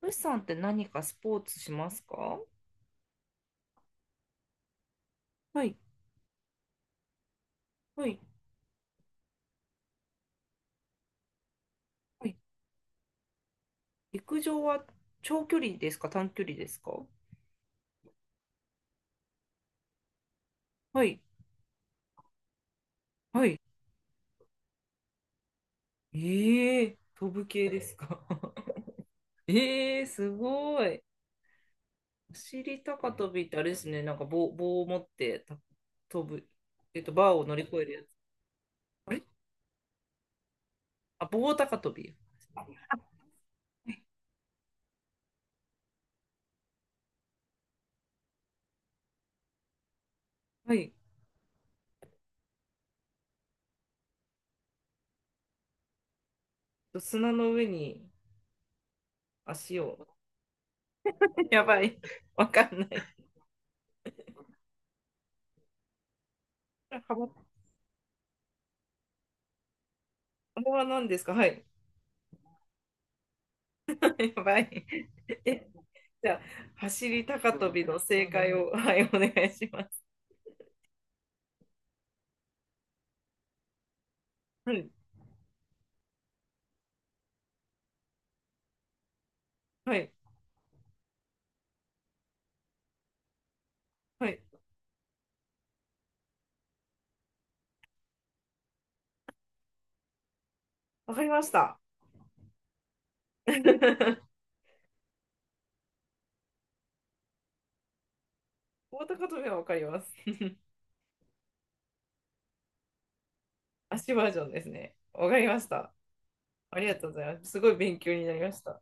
ルシさんって何かスポーツしますか？はい、はい、はい。陸上は長距離ですか、短距離ですか？はい、はい。ええー、飛ぶ系ですか？ ええー、すごい。お尻高跳びってあれですね、なんか棒を持ってた飛ぶ、バーを乗り越えるやつ。あれ、あ、棒高跳び。はい。砂の上に足を。やばい。わかんない。幅、幅は何ですか？はい。やばい。じゃあ、走り高跳びの正解を、はい、お願いします。はい、はい、はい。わかりました。棒高跳びはわかります。足バージョンですね。わかりました。ありがとうございます。すごい勉強になりました。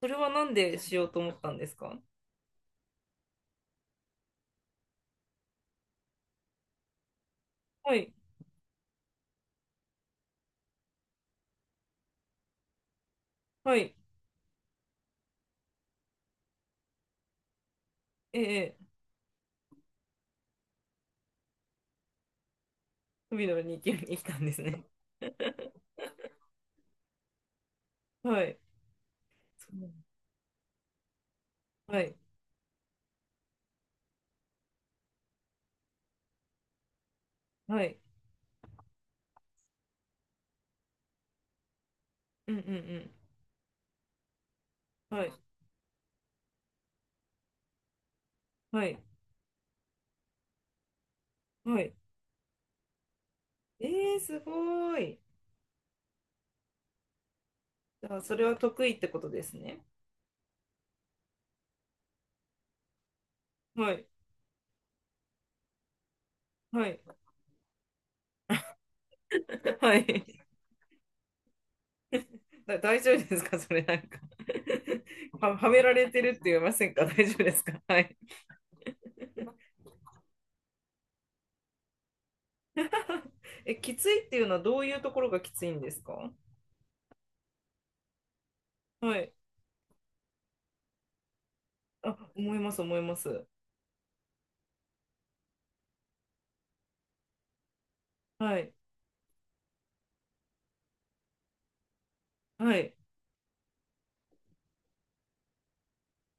それはなんでしようと思ったんですか？はい、はい。ええ、海の2級に来たんですね。はい。そう、はい、はい。うんうんうん。はい、はい、はい。ええ、すごい。じゃあ、それは得意ってことですね。はい、はい。はい。だ大丈夫ですか？ それなんか、 は、はめられてるって言いませんか？ 大丈夫ですか？ はい。え、きついっていうのはどういうところがきついんですか？はい。あ、思います、思います。はい。はい。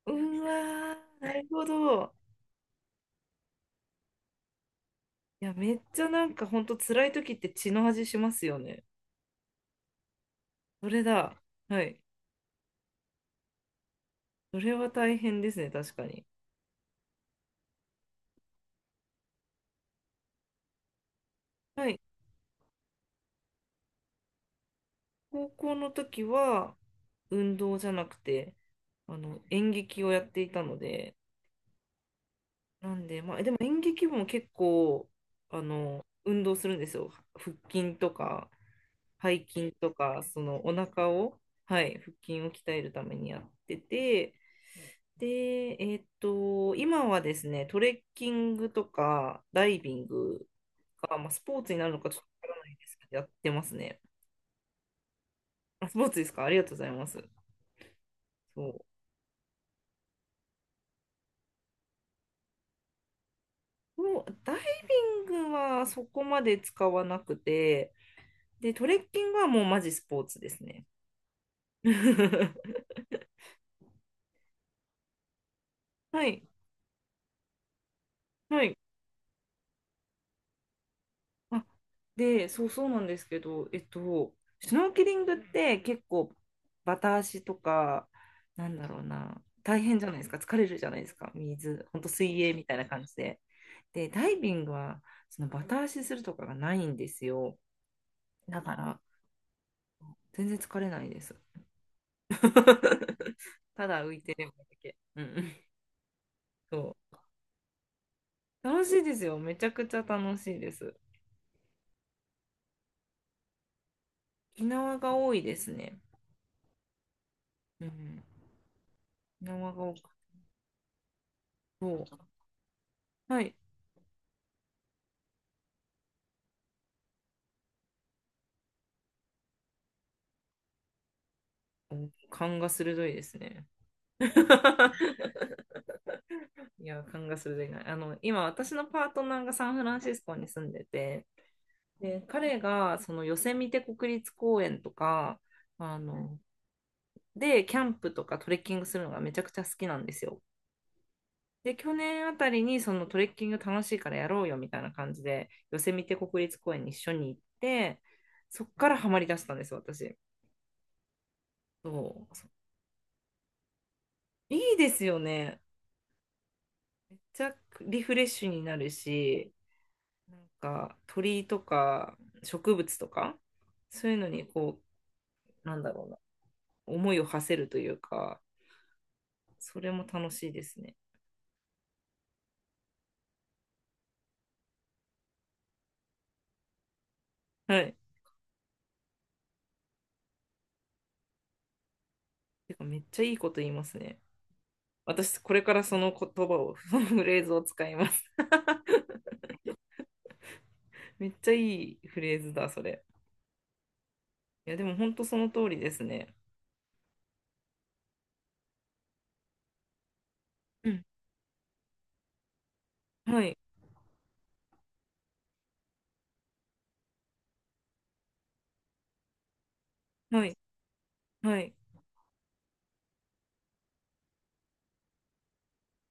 うわー、なるほど。いや、めっちゃなんかほんと辛い時って血の味しますよね。それだ。はい。それは大変ですね、確かに。はい。高校の時は運動じゃなくて、演劇をやっていたので、なんで、まあ、でも演劇部も結構、運動するんですよ。腹筋とか、背筋とか、そのお腹を、はい、腹筋を鍛えるためにやってて、で、今はですね、トレッキングとか、ダイビングが、まあ、スポーツになるのかちょっとわからないですけど、やってますね。あ、スポーツですか？ありがとうございます。そう。もうダイビングはそこまで使わなくて、で、トレッキングはもうマジスポーツですね。はい、はい。あ、で、そうそうなんですけど、シュノーケリングって結構バタ足とか、なんだろうな、大変じゃないですか、疲れるじゃないですか、水、ほんと水泳みたいな感じで。で、ダイビングは、そのバタ足するとかがないんですよ。だから、全然疲れないです。ただ浮いてるだけ。うんうん。そう。楽しいですよ。めちゃくちゃ楽しいです。沖縄が多いですね。うん。沖縄が多、もう、はい。う、勘が鋭いですね。いや、勘が鋭いな。今、私のパートナーがサンフランシスコに住んでて、で、彼が、その、ヨセミテ国立公園とか、あの、で、キャンプとかトレッキングするのがめちゃくちゃ好きなんですよ。で、去年あたりに、そのトレッキング楽しいからやろうよみたいな感じで、ヨセミテ国立公園に一緒に行って、そっからハマりだしたんですよ、私。そう。いいですよね。ちゃ、リフレッシュになるし、なんか鳥とか植物とか、そういうのにこう、なんだろうな、思いを馳せるというか、それも楽しいですね。はい。てかめっちゃいいこと言いますね。私、これからその言葉を、そのフレーズを使います。めっちゃいいフレーズだ、それ。いや、でも本当その通りですね。うん。はい、はい、はい。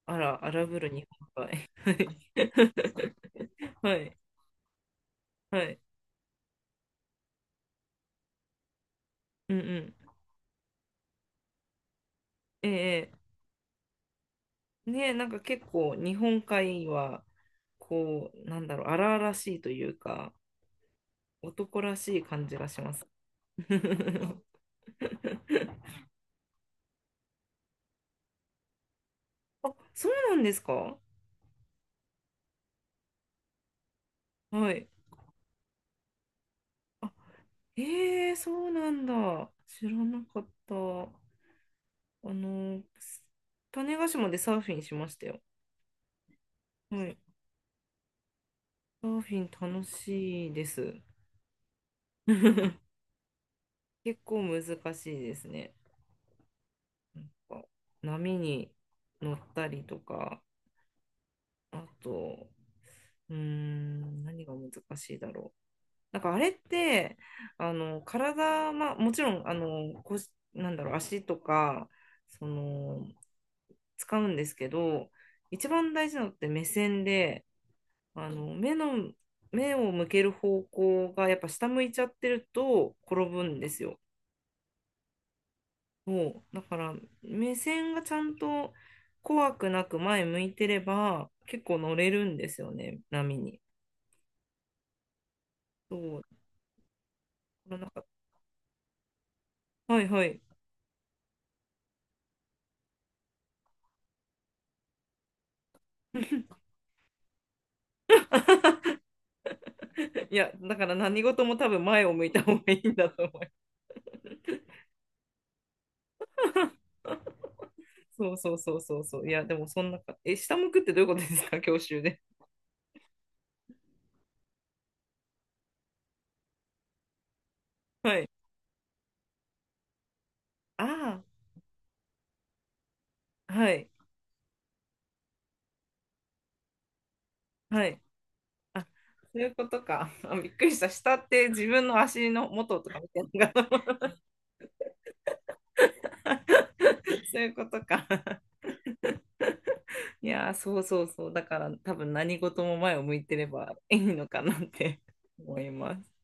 あら、荒ぶる日本海。はい はい、はい。うんうん。ええ、ねえ、なんか結構日本海は、こう、なんだろう、荒々しいというか、男らしい感じがします。あ、そうなんですか？はい。あ、ええ、そうなんだ。知らなかった。の、種子島でサーフィンしましたよ。はい。サーフィン楽しいです。結構難しいですね。なんか波に乗ったりとか、あと、何が難しいだろう。なんかあれって、体、まあ、もちろん、腰、なんだろう、足とか、その、使うんですけど、一番大事なのって目線で、目の、目を向ける方向がやっぱ下向いちゃってると転ぶんですよ。そう。だから、目線がちゃんと怖くなく前向いてれば、結構乗れるんですよね、波に。そうのなんか、はいはい。いや、だから何事も多分前を向いた方がいいんだと思います。そうそうそうそうそう。いや、でもそんなか、え、下向くってどういうことですか、教習で。はい。ああ、はい、はい。あ、そういうことか。あ、びっくりした。下って自分の足の元とか見てるのかな？ そういうことか。いやー、そうそうそう。だから多分何事も前を向いてればいいのかなって思います。